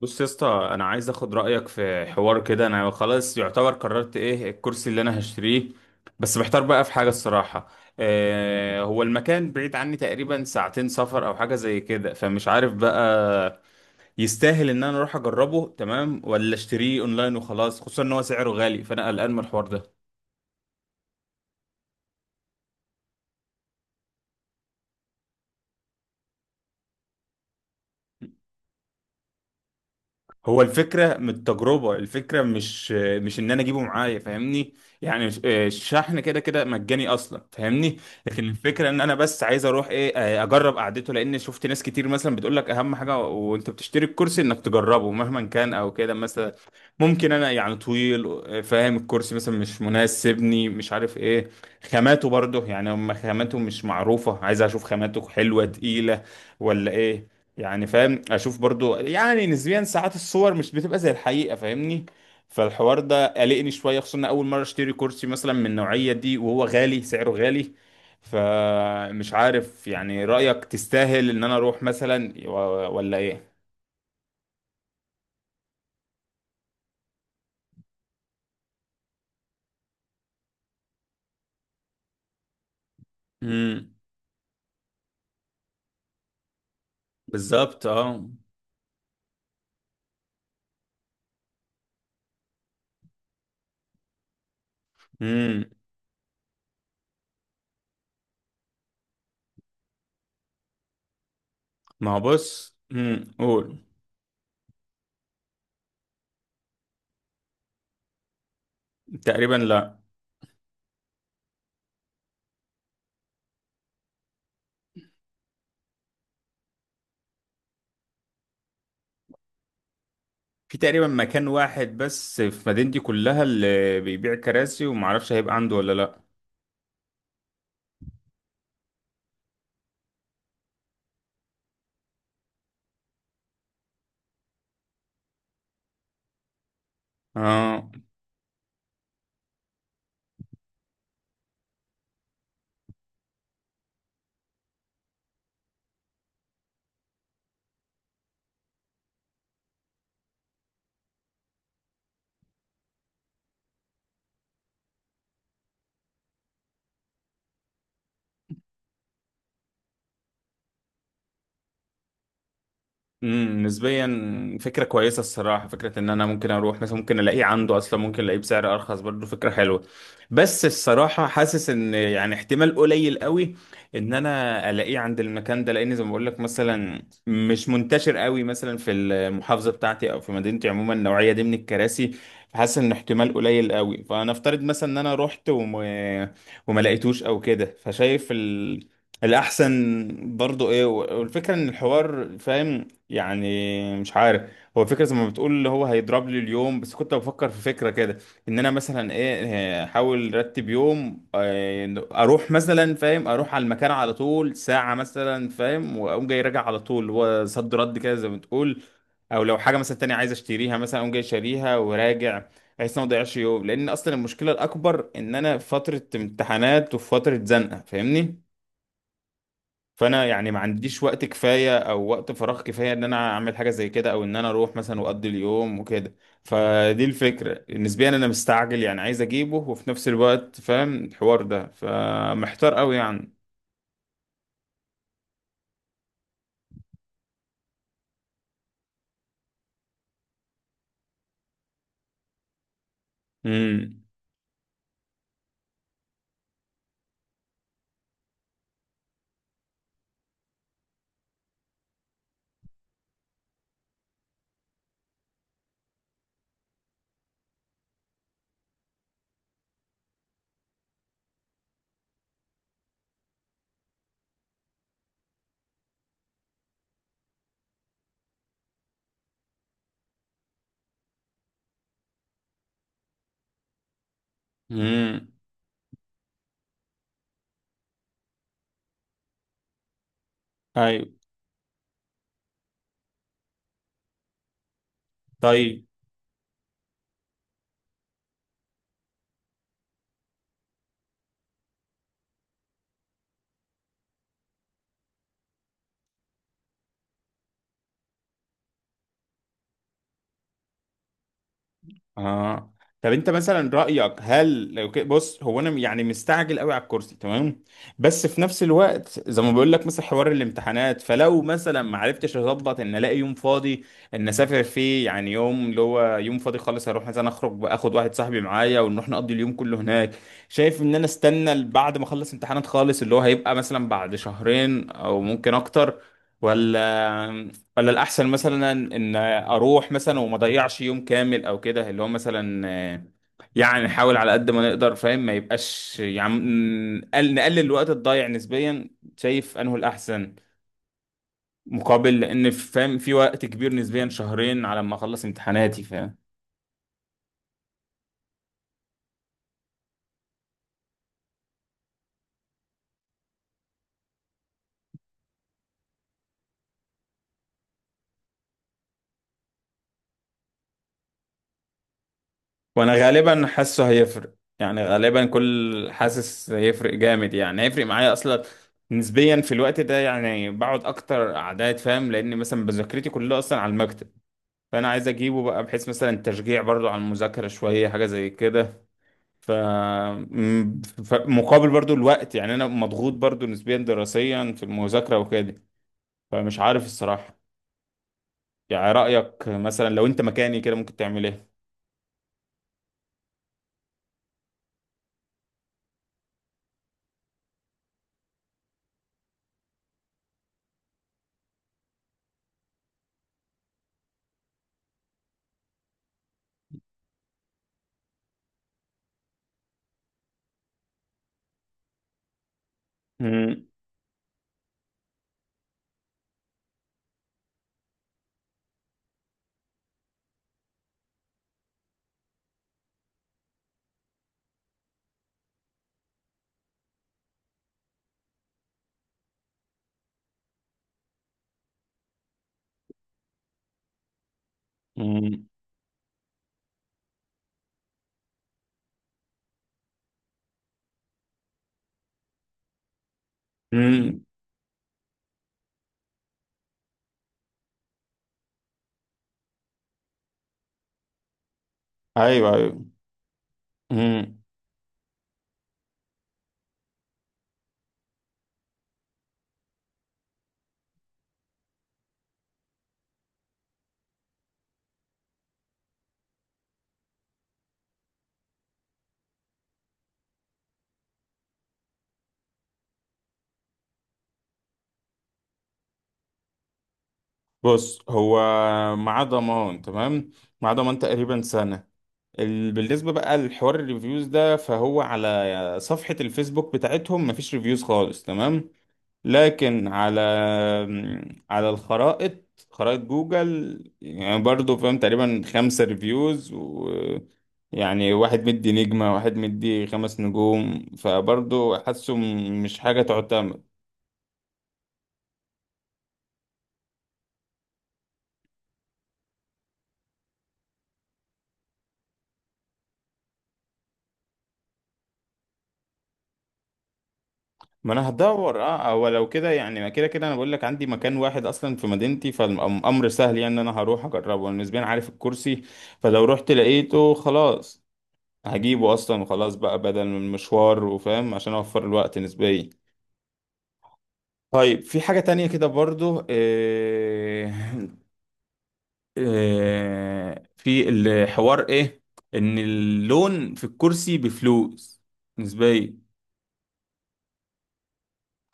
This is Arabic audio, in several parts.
بص يا اسطى، انا عايز اخد رايك في حوار كده. انا خلاص يعتبر قررت ايه الكرسي اللي انا هشتريه، بس محتار بقى في حاجه الصراحه. آه، هو المكان بعيد عني تقريبا ساعتين سفر او حاجه زي كده، فمش عارف بقى يستاهل ان انا اروح اجربه تمام ولا اشتريه اونلاين وخلاص، خصوصا ان هو سعره غالي، فانا قلقان من الحوار ده. هو الفكرة من التجربة الفكرة مش ان انا اجيبه معايا، فاهمني؟ يعني الشحن كده كده مجاني اصلا، فاهمني؟ لكن الفكرة ان انا بس عايز اروح ايه، اجرب قعدته، لان شفت ناس كتير مثلا بتقول لك اهم حاجة وانت بتشتري الكرسي انك تجربه مهما كان او كده مثلا. ممكن انا يعني طويل، فاهم الكرسي مثلا مش مناسبني، مش عارف ايه. خاماته برضه يعني هم خاماته مش معروفة، عايز اشوف خاماته حلوة تقيلة ولا ايه. يعني فاهم اشوف برضو يعني نسبيا ساعات الصور مش بتبقى زي الحقيقة، فاهمني؟ فالحوار ده قلقني شوية، خصوصا إن اول مرة اشتري كرسي مثلا من النوعية دي، وهو غالي سعره غالي. فمش عارف يعني رأيك تستاهل ان انا اروح مثلا ولا ايه؟ امم، بالظبط اه. امم، ما هو بص، امم، قول. تقريبا لا. في تقريبا مكان واحد بس في مدينتي كلها اللي بيبيع كراسي، ومعرفش هيبقى عنده ولا لا. اه. امم، نسبيا فكرة كويسة الصراحة، فكرة ان انا ممكن اروح مثلا، ممكن الاقيه عنده اصلا، ممكن الاقيه بسعر ارخص برضه، فكرة حلوة. بس الصراحة حاسس ان يعني احتمال قليل قوي ان انا الاقيه عند المكان ده، لان زي ما بقول لك مثلا مش منتشر قوي مثلا في المحافظة بتاعتي او في مدينتي عموما النوعية دي من الكراسي. حاسس ان احتمال قليل قوي. فنفترض مثلا ان انا رحت وما لقيتوش او كده، فشايف الاحسن برضو ايه، والفكره ان الحوار فاهم. يعني مش عارف. هو فكرة زي ما بتقول اللي هو هيضرب لي اليوم، بس كنت بفكر في فكرة كده ان انا مثلا ايه احاول ارتب يوم، اروح مثلا فاهم، اروح على المكان على طول ساعة مثلا فاهم، واقوم جاي راجع على طول، اللي هو صد رد كده زي ما بتقول. او لو حاجة مثلا تانية عايز اشتريها مثلا، اقوم جاي شاريها وراجع، بحيث إن أنا ما اضيعش يوم، لان اصلا المشكلة الاكبر ان انا في فترة امتحانات وفي فترة زنقة، فاهمني؟ فانا يعني ما عنديش وقت كفايه او وقت فراغ كفايه ان انا اعمل حاجه زي كده، او ان انا اروح مثلا واقضي اليوم وكده. فدي الفكره. نسبيا انا مستعجل، يعني عايز اجيبه، وفي نفس الوقت فاهم الحوار ده، فمحتار قوي يعني. امم. امم. ايوه. طيب اه، طب انت مثلا رأيك هل لو كده، بص هو انا يعني مستعجل قوي على الكرسي تمام، بس في نفس الوقت زي ما بقول لك مثلا حوار الامتحانات، فلو مثلا ما عرفتش اظبط ان الاقي يوم فاضي ان اسافر فيه، يعني يوم اللي هو يوم فاضي خالص، هروح مثلا اخرج واخد واحد صاحبي معايا ونروح نقضي اليوم كله هناك. شايف ان انا استنى بعد ما اخلص امتحانات خالص، اللي هو هيبقى مثلا بعد شهرين او ممكن اكتر، ولا الأحسن مثلا إن أروح مثلا وما أضيعش يوم كامل أو كده، اللي هو مثلا يعني نحاول على قد ما نقدر فاهم، ما يبقاش يعني نقلل الوقت الضايع نسبيا. شايف أنه الأحسن مقابل، لأن فاهم في وقت كبير نسبيا شهرين على ما أخلص امتحاناتي فاهم. وأنا غالبا حاسه هيفرق يعني، غالبا كل حاسس هيفرق جامد، يعني هيفرق معايا أصلا نسبيا في الوقت ده، يعني بقعد أكتر أعداد فاهم، لأن مثلا مذاكرتي كلها أصلا على المكتب. فانا عايز اجيبه بقى بحيث مثلا تشجيع برضو على المذاكره شويه، حاجه زي كده. ف مقابل برضو الوقت، يعني انا مضغوط برضو نسبيا دراسيا في المذاكره وكده. فمش عارف الصراحه، يعني رايك مثلا لو انت مكاني كده ممكن تعمل ايه؟ مم. مم. مم. ايوه ايوه. مم. بص هو. مع ضمان تمام، مع ضمان تقريبا سنه. بالنسبه بقى لحوار الريفيوز ده، فهو على صفحه الفيسبوك بتاعتهم مفيش ريفيوز خالص تمام، لكن على على الخرائط، خرائط جوجل يعني، برضو فاهم تقريبا خمسة ريفيوز، و يعني واحد مدي نجمة، واحد مدي خمس نجوم، فبرضو حاسه مش حاجة تعتمد. ما انا هدور اه، او لو كده يعني ما كده كده انا بقول لك عندي مكان واحد اصلا في مدينتي، فالامر سهل يعني، ان انا هروح اجربه، انا نسبيا عارف الكرسي، فلو رحت لقيته خلاص هجيبه اصلا وخلاص بقى، بدل من المشوار وفاهم عشان اوفر الوقت نسبيا. طيب في حاجة تانية كده برضو إيه، إيه في الحوار ايه، ان اللون في الكرسي بفلوس نسبيا.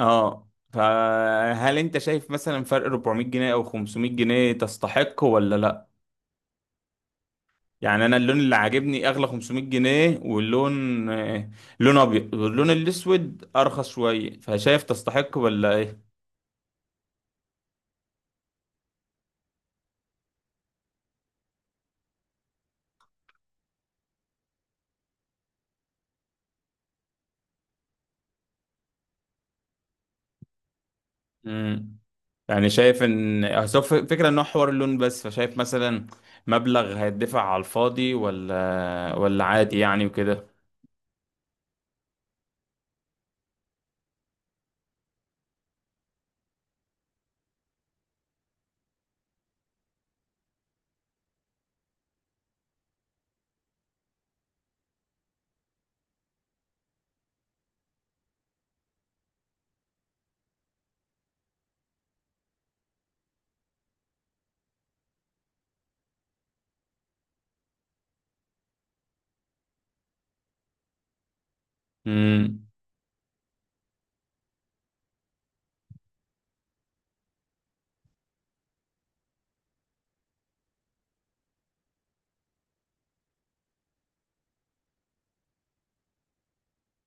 اه، فهل انت شايف مثلا فرق 400 جنيه او 500 جنيه تستحق ولا لا؟ يعني انا اللون اللي عاجبني اغلى 500 جنيه، واللون لون ابيض، واللون الاسود ارخص شوية، فشايف تستحق ولا ايه؟ مم. يعني شايف ان أصل هو فكرة ان هو حوار اللون بس، فشايف مثلا مبلغ هيدفع على الفاضي ولا عادي يعني وكده. امم.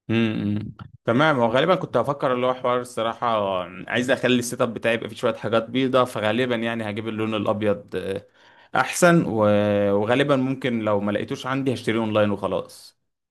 امم. تمام. هو غالبا كنت هفكر اللي هو حوار الصراحة، عايز اخلي السيت اب بتاعي يبقى فيه شوية حاجات بيضة، فغالبا يعني هجيب اللون الابيض، احسن، وغالبا ممكن لو ما لقيتوش عندي هشتريه اونلاين وخلاص.